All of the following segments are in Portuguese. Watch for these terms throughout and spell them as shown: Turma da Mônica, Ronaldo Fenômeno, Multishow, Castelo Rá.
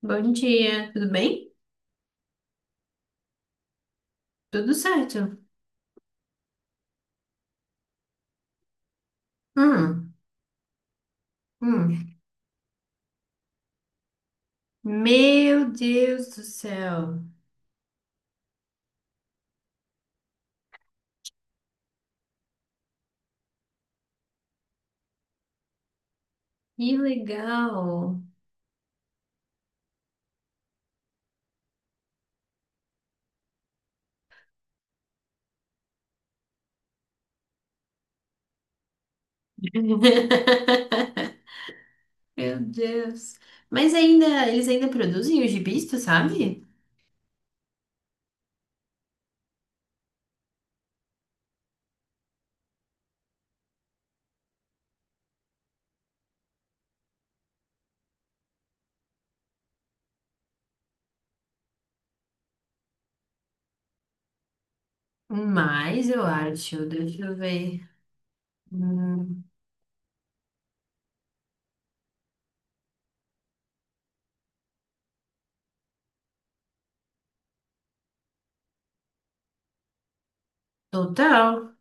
Bom dia, tudo bem? Tudo certo. Hum, hum. Meu Deus do céu, que legal. Meu Deus. Mas ainda, eles ainda produzem os gibis, tu sabe? Mas eu acho, deixa eu ver. Hum, total.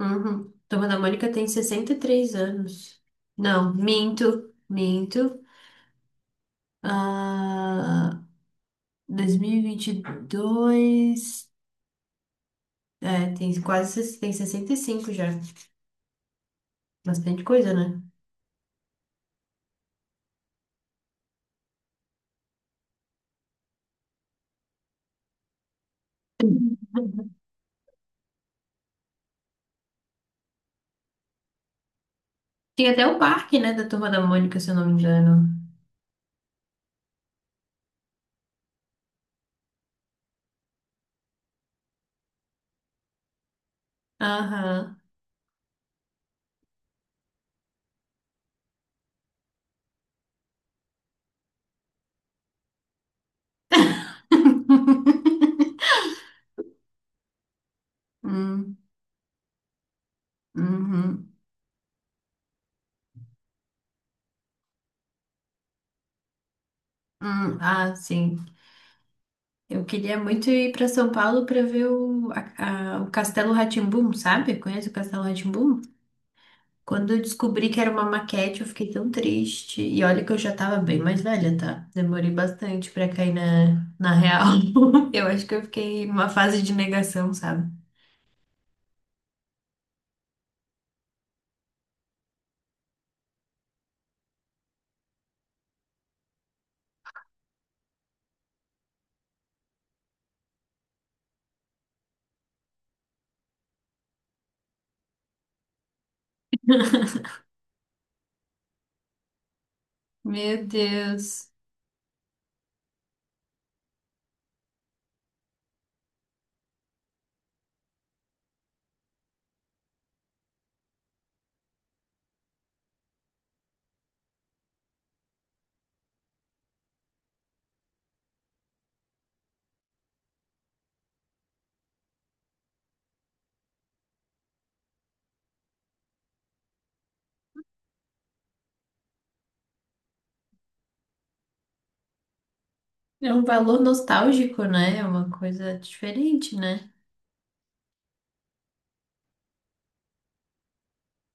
Uhum. Turma da Mônica tem 63 anos. Não, minto, minto. Ah, dois mil e vinte e dois. É, tem quase, tem 65 já. Bastante coisa, né? Tem até o parque, né, da Turma da Mônica, se eu não me engano. Aham. Hum, uhum. Ah, sim. Eu queria muito ir para São Paulo para ver o, o Castelo rá, sabe? Conhece o Castelo rá? Quando eu descobri que era uma maquete, eu fiquei tão triste. E olha que eu já tava bem mais velha, tá? Demorei bastante para cair na real. Eu acho que eu fiquei numa fase de negação, sabe? Meu Deus. É um valor nostálgico, né? É uma coisa diferente, né?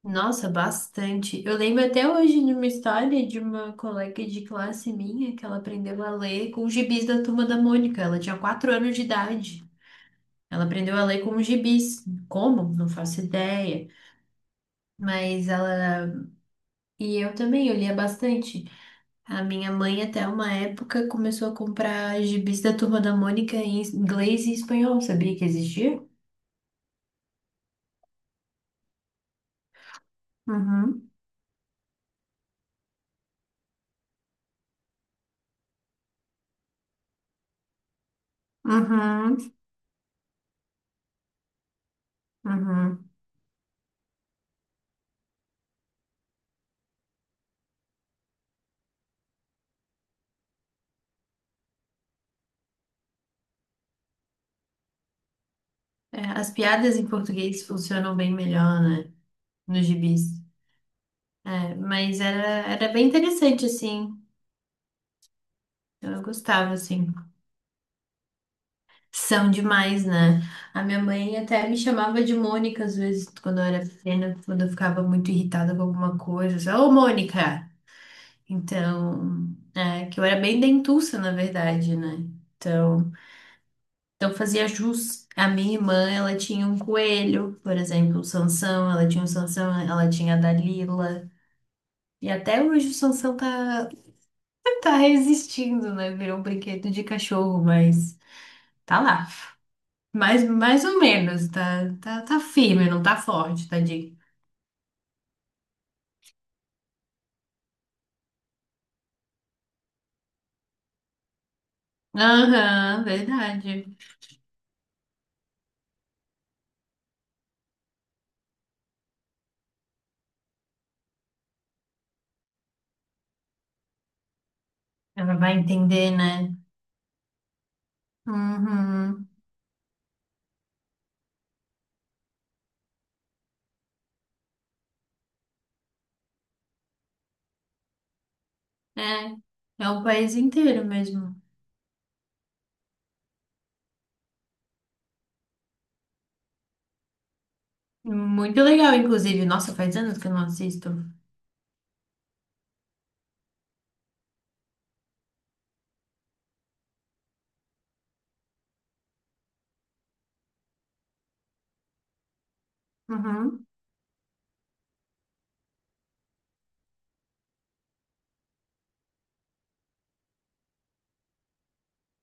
Nossa, bastante. Eu lembro até hoje de uma história de uma colega de classe minha que ela aprendeu a ler com os gibis da Turma da Mônica. Ela tinha 4 anos de idade. Ela aprendeu a ler com os gibis. Como? Não faço ideia. Mas ela. E eu também, eu lia bastante. A minha mãe, até uma época, começou a comprar gibis da Turma da Mônica em inglês e espanhol. Sabia que existia? Uhum. Uhum, uhum. É, as piadas em português funcionam bem melhor, né? Nos gibis. É, mas era, era bem interessante, assim. Eu gostava, assim. São demais, né? A minha mãe até me chamava de Mônica, às vezes, quando eu era pequena, quando eu ficava muito irritada com alguma coisa. Só, ô, Mônica! Então, é, que eu era bem dentuça, na verdade, né? Então, então fazia jus. A minha irmã, ela tinha um coelho, por exemplo, o Sansão, ela tinha o Sansão, ela tinha a Dalila. E até hoje o Sansão tá, tá resistindo, né? Virou um brinquedo de cachorro, mas tá lá. Mais ou menos, tá firme, não tá forte, tadinho. Aham, verdade. Ela vai entender, né? Uhum. É, é o país inteiro mesmo. Muito legal, inclusive. Nossa, faz anos que eu não assisto. Uhum.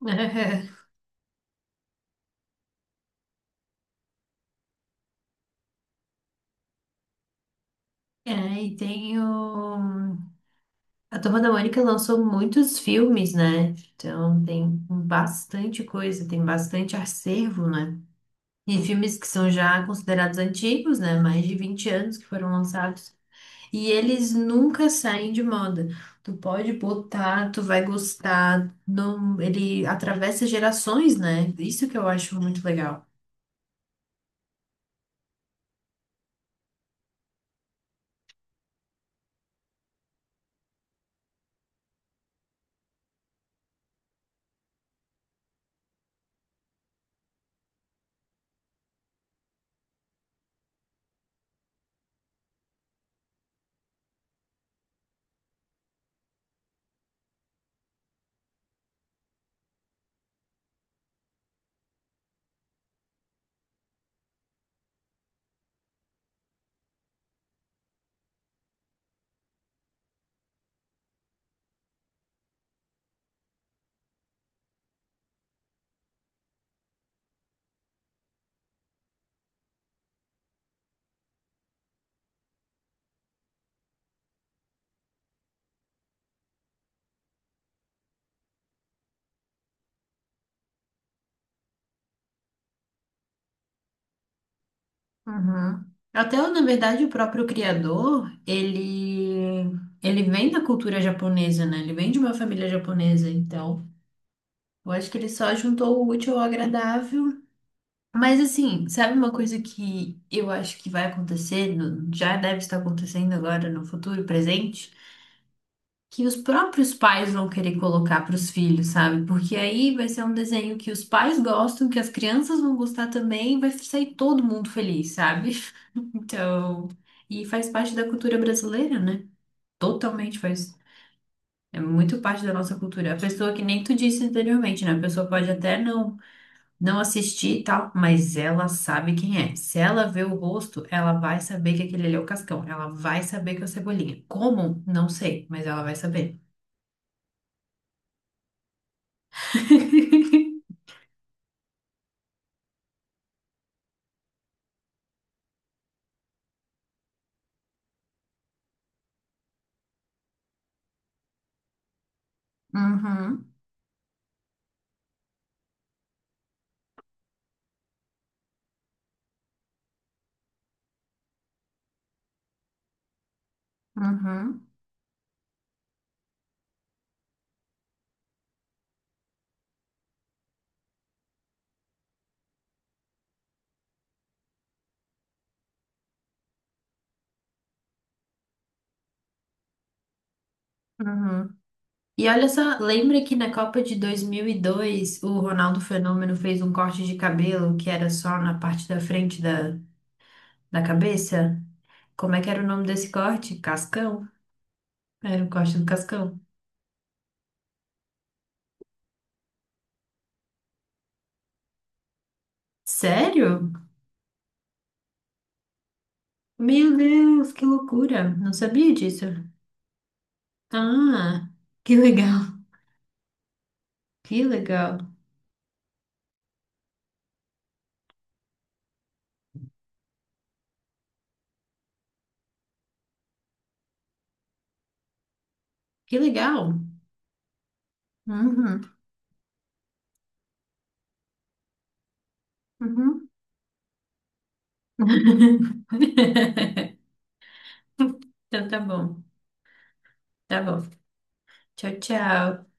É, e tem o... A Turma da Mônica lançou muitos filmes, né? Então tem bastante coisa, tem bastante acervo, né? E filmes que são já considerados antigos, né? Mais de 20 anos que foram lançados. E eles nunca saem de moda. Tu pode botar, tu vai gostar. Não... Ele atravessa gerações, né? Isso que eu acho muito legal. Uhum. Até, na verdade, o próprio criador, ele vem da cultura japonesa, né? Ele vem de uma família japonesa, então eu acho que ele só juntou o útil ao agradável. Mas, assim, sabe uma coisa que eu acho que vai acontecer, já deve estar acontecendo agora no futuro presente, que os próprios pais vão querer colocar para os filhos, sabe? Porque aí vai ser um desenho que os pais gostam, que as crianças vão gostar também, e vai sair todo mundo feliz, sabe? Então, e faz parte da cultura brasileira, né? Totalmente faz, é muito parte da nossa cultura. A pessoa que nem tu disse anteriormente, né? A pessoa pode até não assistir e tal, mas ela sabe quem é. Se ela vê o rosto, ela vai saber que aquele ali é o Cascão. Ela vai saber que é o Cebolinha. Como? Não sei, mas ela vai saber. Uhum, uhum, uhum. E olha só, lembra que na Copa de 2002 o Ronaldo Fenômeno fez um corte de cabelo que era só na parte da frente da cabeça? Como é que era o nome desse corte? Cascão. Era o corte do Cascão. Sério? Meu Deus, que loucura! Não sabia disso. Ah, que legal, que legal, que legal. Uhum, uhum. Então tá bom, tá bom. Tchau, tchau.